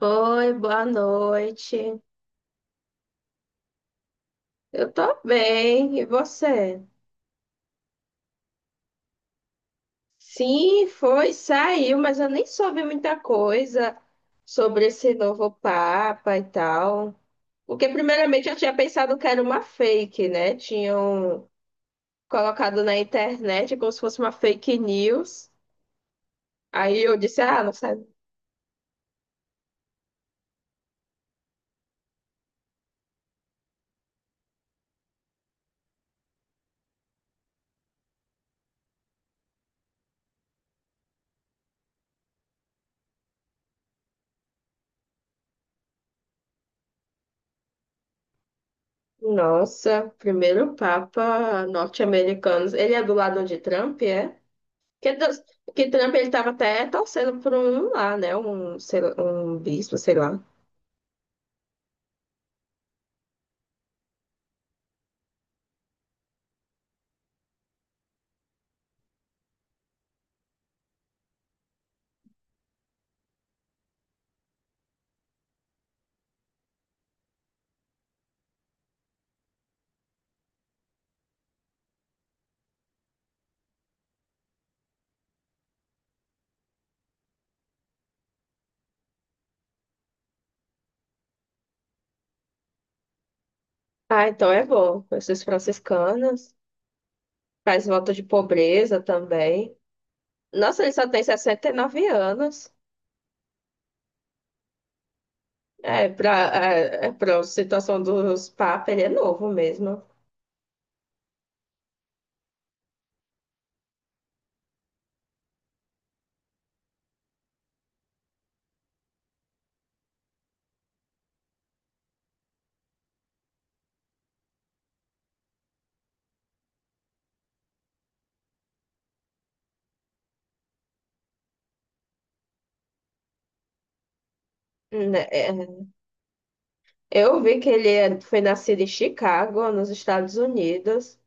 Oi, boa noite. Eu tô bem, e você? Sim, foi, saiu, mas eu nem soube muita coisa sobre esse novo Papa e tal. Porque, primeiramente, eu tinha pensado que era uma fake, né? Tinham colocado na internet como se fosse uma fake news. Aí eu disse, ah, nossa, nossa, primeiro Papa norte-americano. Ele é do lado de Trump, é? Porque, porque Trump ele estava até torcendo por um lá, né? Um, sei lá, um bispo, sei lá. Ah, então é bom. Pessoas franciscanas, faz voto de pobreza também. Nossa, ele só tem 69 anos. É, para é, é pra situação dos papas, ele é novo mesmo. Né, é. Eu vi que ele foi nascido em Chicago, nos Estados Unidos.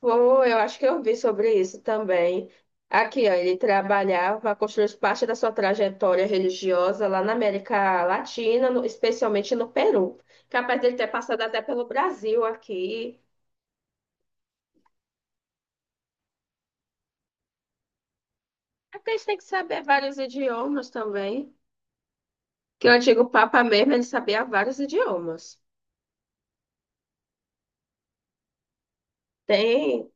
Pô, eu acho que eu vi sobre isso também. Aqui, ó, ele trabalhava, construiu parte da sua trajetória religiosa lá na América Latina, especialmente no Peru. Capaz dele ter passado até pelo Brasil aqui. É porque a gente tem que saber vários idiomas também. Que o antigo Papa mesmo, ele sabia vários idiomas. Tem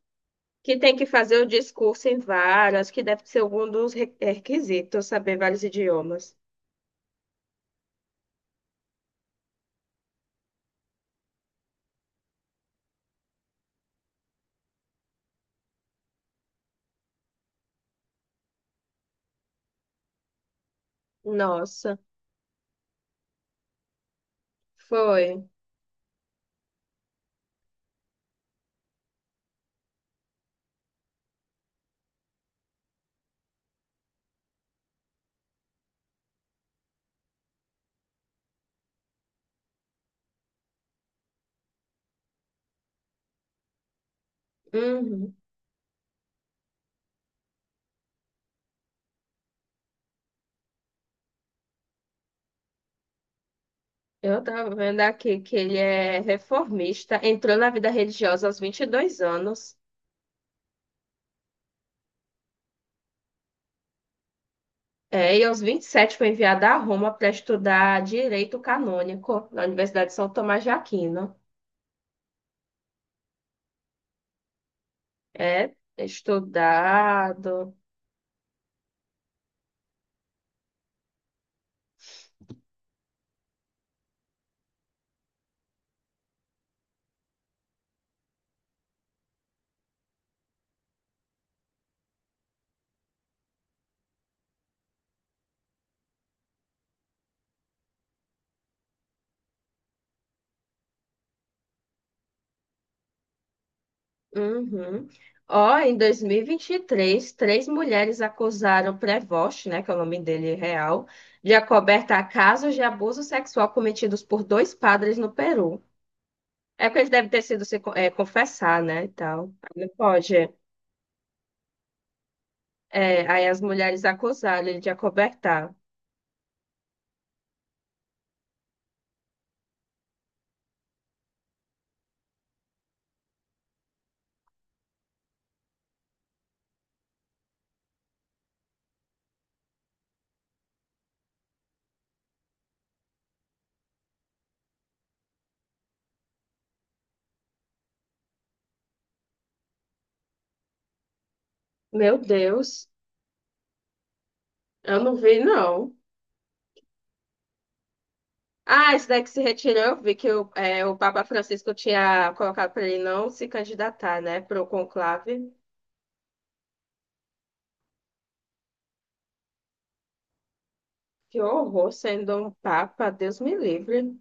tem que fazer o discurso em vários, que deve ser um dos requisitos, saber vários idiomas. Nossa, foi. Uhum. Eu tava vendo aqui que ele é reformista, entrou na vida religiosa aos 22 anos, é, e aos 27 foi enviado a Roma para estudar direito canônico na Universidade de São Tomás de Aquino. É, estudado. Uhum. Ó, em 2023, três mulheres acusaram o Prevost, né, que é o nome dele real, de acobertar casos de abuso sexual cometidos por dois padres no Peru. É porque eles devem ter sido se co- é, confessar, né, e tal. Aí não pode. É, aí as mulheres acusaram ele de acobertar. Meu Deus, eu não vi, não. Ah, esse daí que se retirou, eu vi que o, é, o Papa Francisco tinha colocado para ele não se candidatar, né, para o conclave. Que horror, sendo um Papa, Deus me livre.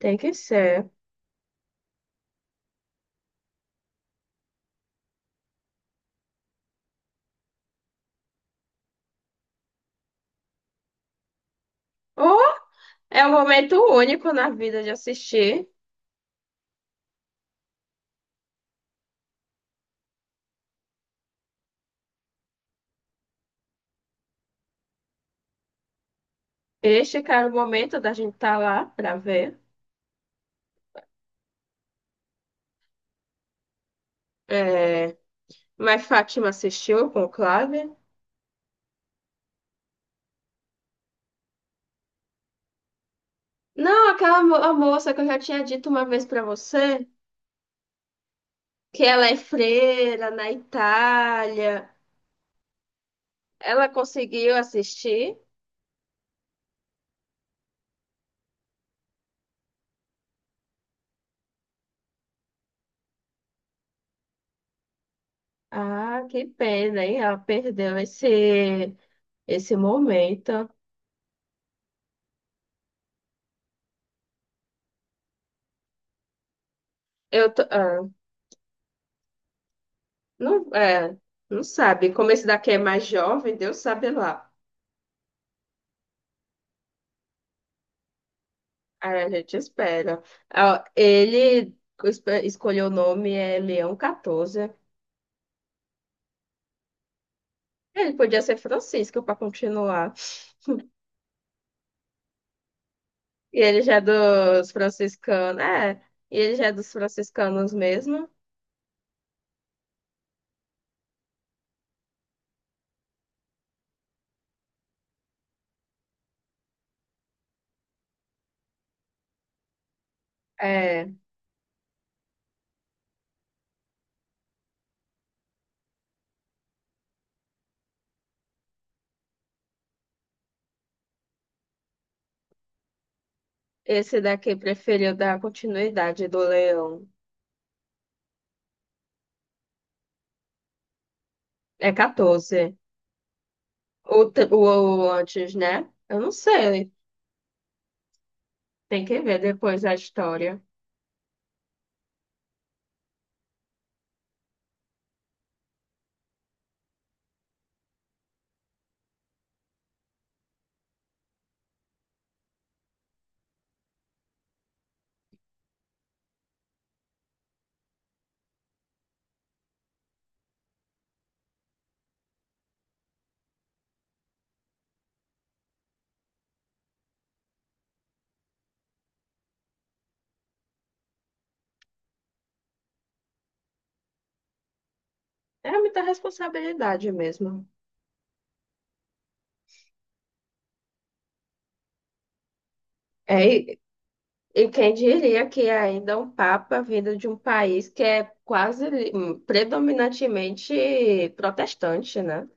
Tem que ser. Oh, é um momento único na vida de assistir. Este, cara, é o momento da gente estar lá para ver. É. Mas Fátima assistiu o Conclave? Não, aquela a moça que eu já tinha dito uma vez pra você, que ela é freira na Itália. Ela conseguiu assistir? Ah, que pena, hein? Ela perdeu esse, esse momento. Ah, não, é, não sabe. Como esse daqui é mais jovem, Deus sabe lá. Aí a gente espera. Ah, ele escolheu o nome é Leão 14. Ele podia ser Francisco para continuar. E ele já é dos franciscanos. É, e ele já é dos franciscanos mesmo. É, esse daqui preferiu dar continuidade do Leão. É 14. O, te- o, o antes, né? Eu não sei. Tem que ver depois a história. É muita responsabilidade mesmo. É, e quem diria que é ainda um papa vindo de um país que é quase predominantemente protestante, né?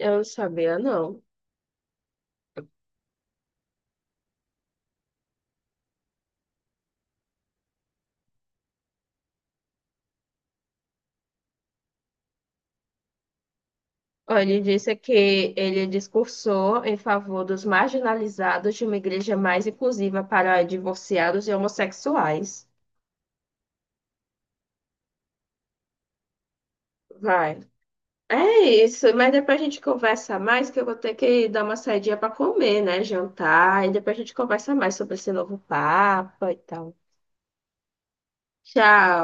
Eu não sabia, não. Ó, ele disse que ele discursou em favor dos marginalizados de uma igreja mais inclusiva para divorciados e homossexuais. Vai. É isso, mas depois a gente conversa mais, que eu vou ter que dar uma saidinha para comer, né? Jantar, e depois a gente conversa mais sobre esse novo papa e tal. Tchau.